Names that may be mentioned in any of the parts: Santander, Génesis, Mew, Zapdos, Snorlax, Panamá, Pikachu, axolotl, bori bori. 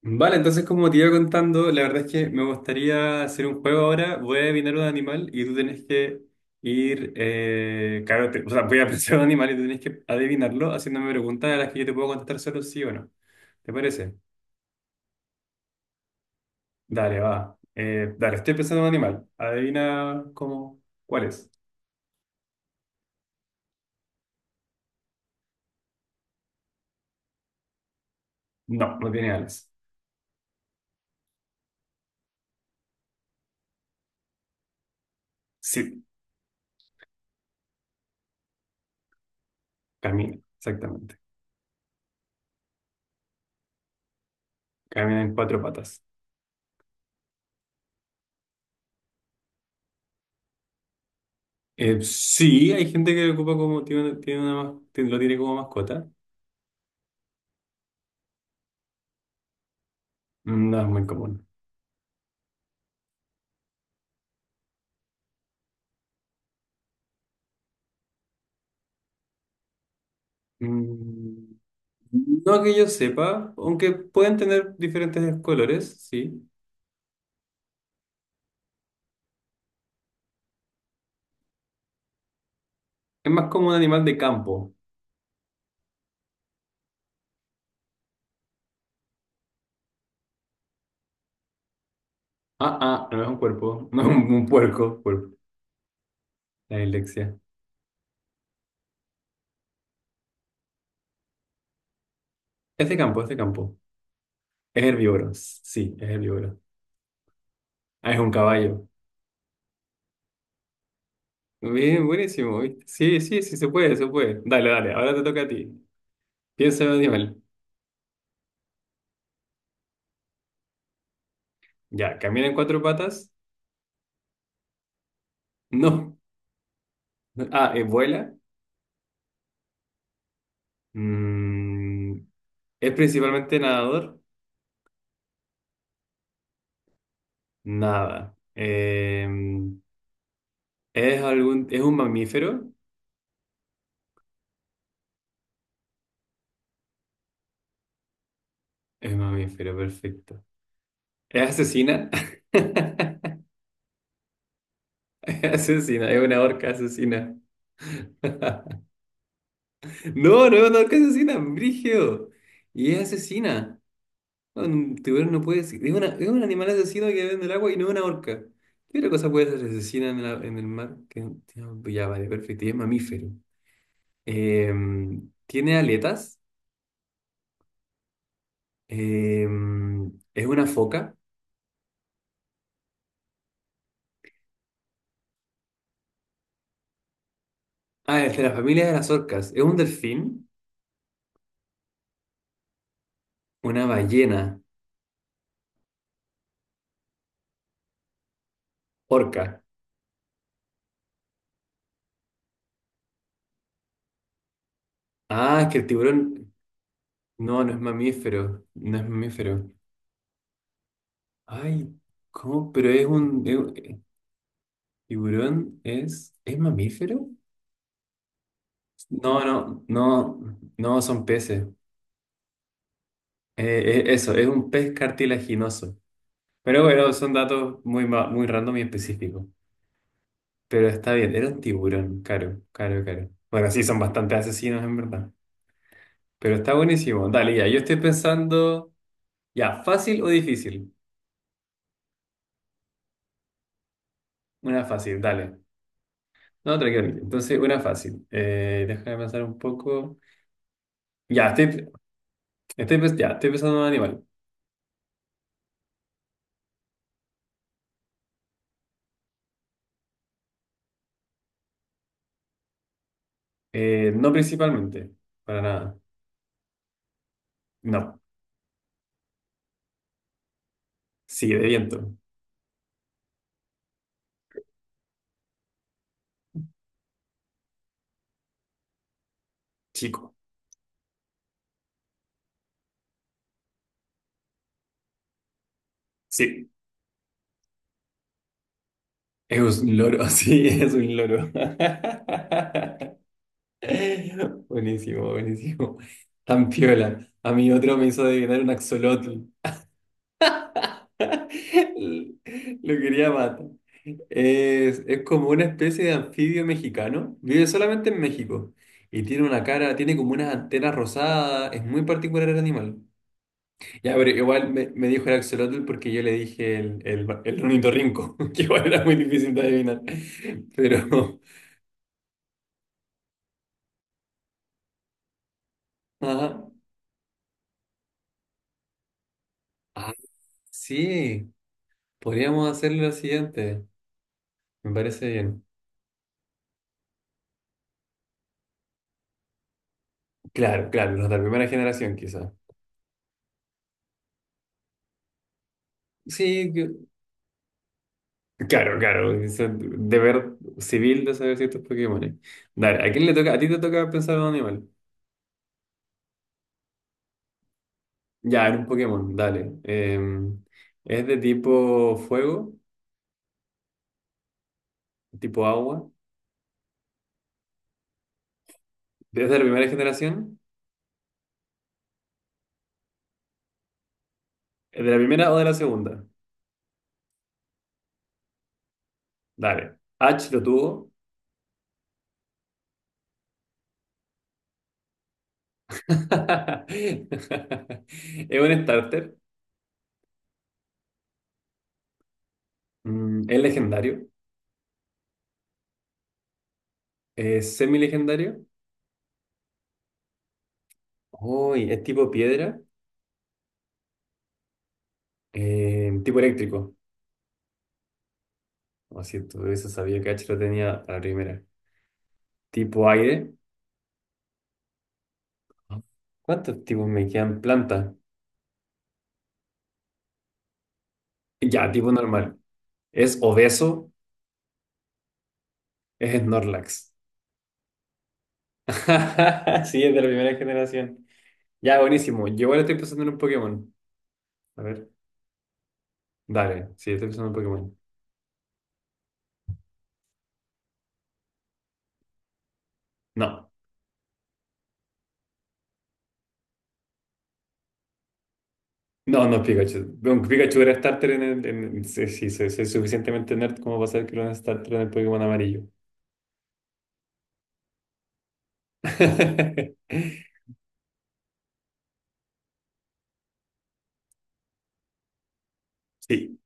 Vale, entonces como te iba contando, la verdad es que me gustaría hacer un juego ahora. Voy a adivinar un animal y tú tenés que ir, claro, voy a pensar un animal y tú tenés que adivinarlo haciéndome preguntas a las que yo te puedo contestar solo sí o no. ¿Te parece? Dale, va. Dale, estoy pensando en un animal. Adivina cómo, cuál es. No, no tiene alas. Sí, camina, exactamente. Camina en cuatro patas. Sí, hay gente que ocupa como, tiene, lo tiene como mascota. No es muy común. Mm, no que yo sepa, aunque pueden tener diferentes colores, sí. Es más como un animal de campo. Ah, ah, no es un cuerpo, no es un puerco, cuerpo. La dislexia. Es de campo, es de campo. Es herbívoro, sí, es herbívoro. Ah, es un caballo. Bien, buenísimo, ¿viste? Sí, sí, sí, se puede, se puede. Dale, dale, ahora te toca a ti. Piensa en un animal. Ya, ¿camina en cuatro patas? No. Ah, ¿vuela? Mm, ¿es principalmente nadador? Nada. ¿Es un mamífero? Es un mamífero, perfecto. ¿Es asesina? Es asesina, es una orca asesina. No, no es una orca asesina, brígido. Y es asesina. Un tiburón no puede ser. Es un animal asesino que vive en el agua y no es una orca. ¿Qué otra cosa puede ser asesina en el mar? Ya, vale, perfecto. Y es mamífero. Eh, ¿Tiene aletas? Eh, ¿Es una foca? Ah, es de la familia de las orcas. ¿Es un delfín? Una ballena. Orca. Ah, es que el tiburón. No, no es mamífero. No es mamífero. Ay, ¿cómo? ¿Tiburón es? ¿Es mamífero? No, no, no. No, son peces. Eso, es un pez cartilaginoso. Pero bueno, son datos muy random y específicos. Pero está bien, era un tiburón. Caro, caro, caro. Bueno, sí, son bastante asesinos en verdad. Pero está buenísimo. Dale, ya. Yo estoy pensando, ya, fácil o difícil. Una fácil, dale. No, tranquilo. Entonces, una fácil. Déjame pensar un poco. Ya, ya, estoy pensando en un animal. No principalmente, para nada. No. Sí, de viento. Chico. Sí. Es un loro, sí, es un loro. Buenísimo, buenísimo. Tan piola. A mí otro me hizo adivinar un axolotl. Lo quería matar. Es como una especie de anfibio mexicano. Vive solamente en México. Y tiene una cara, tiene como unas antenas rosadas. Es muy particular el animal. Ya, pero igual me dijo el axolotl porque yo le dije el ornitorrinco, que igual era muy difícil de adivinar. Pero, ajá. Ah, sí, podríamos hacer lo siguiente. Me parece bien. Claro, claro, los de la primera generación quizás. Sí, claro, claro, ese deber civil de saber ciertos Pokémones. Dale, ¿a quién le toca? A ti te toca pensar en un animal. Ya, en un Pokémon, dale. ¿Es de tipo fuego? ¿Tipo agua? ¿Es de la primera generación? ¿Es de la primera o de la segunda? Dale. H lo tuvo. ¿Es un starter? Mm, ¿es legendario? ¿Es semi-legendario? Uy, ¿es tipo piedra? ¿Tipo eléctrico? Lo siento, eso sabía que H lo tenía a la primera. Tipo aire. ¿Cuántos tipos me quedan? Planta. Ya, tipo normal. Es obeso, es Snorlax. Sí, es de la primera generación. Ya, buenísimo. Yo ahora estoy pensando en un Pokémon. A ver, dale. Sí, estoy pensando en un Pokémon. No, no, no es Pikachu. Un Pikachu era starter en sí, sí, soy suficientemente nerd como para saber que era un starter en el Pokémon amarillo. Sí.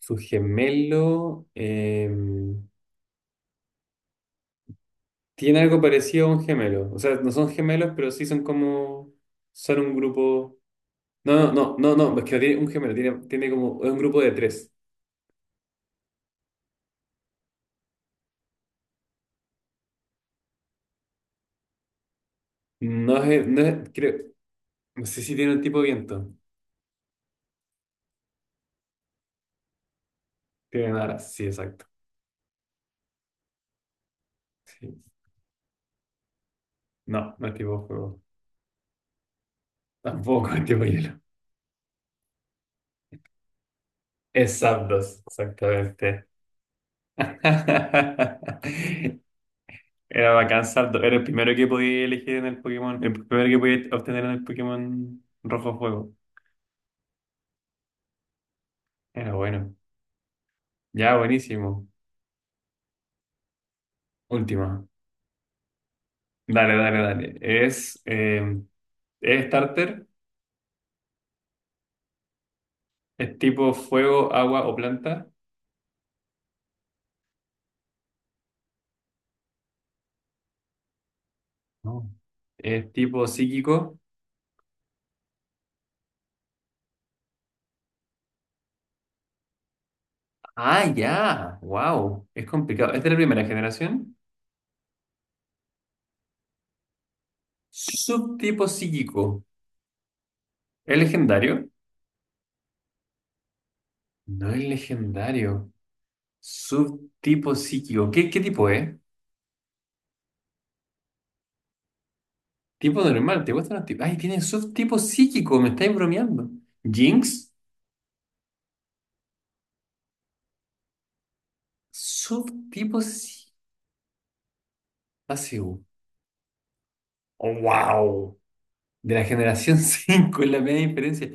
Su gemelo... em, Tiene algo parecido a un gemelo. O sea, no son gemelos, pero sí son como. Son un grupo. No, no, no, no, no. Es que no tiene un gemelo, tiene como. Es un grupo de 3. Creo, no sé si tiene un tipo de viento. Tiene alas, sí, exacto. Sí. No, no es tipo fuego. Tampoco es tipo hielo. Es Zapdos, exactamente. Era bacán Zapdos. Era el primero que podía elegir en el Pokémon. El primero que podía obtener en el Pokémon Rojo Fuego. Era bueno. Ya, buenísimo. Última. Dale, dale, dale. Es starter, es tipo fuego, agua o planta, no. Es tipo psíquico. Ah, ya. Wow. Es complicado. Es de la primera generación. Subtipo psíquico. ¿Es legendario? No es legendario. Subtipo psíquico. ¿Qué tipo es? Tipo normal. ¿Te gustan los tipos? Ay, tiene subtipo psíquico. Me estáis bromeando. Jinx. Subtipo psíquico. Wow. De la generación 5 es la media diferencia.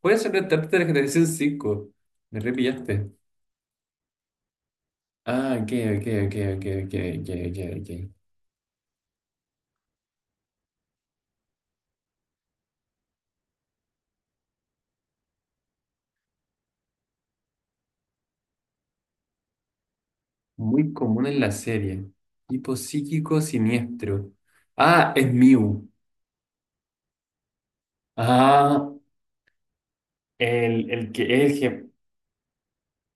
Puedes sorprenderte de la generación 5. Me repillaste. Ah, ok, ok, ok, ok, ok, ok, ok, ok. Muy común en la serie. Tipo psíquico siniestro. Ah, es Mew. Ah, el que el que.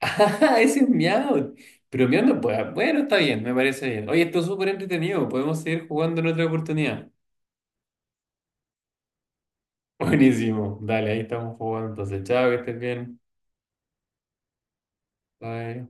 Ah, ese es Meow. Pero Meow no puede. Bueno, está bien, me parece bien. Oye, esto es súper entretenido. Podemos seguir jugando en otra oportunidad. Buenísimo. Dale, ahí estamos jugando. Entonces, chao, que estés bien. Bye.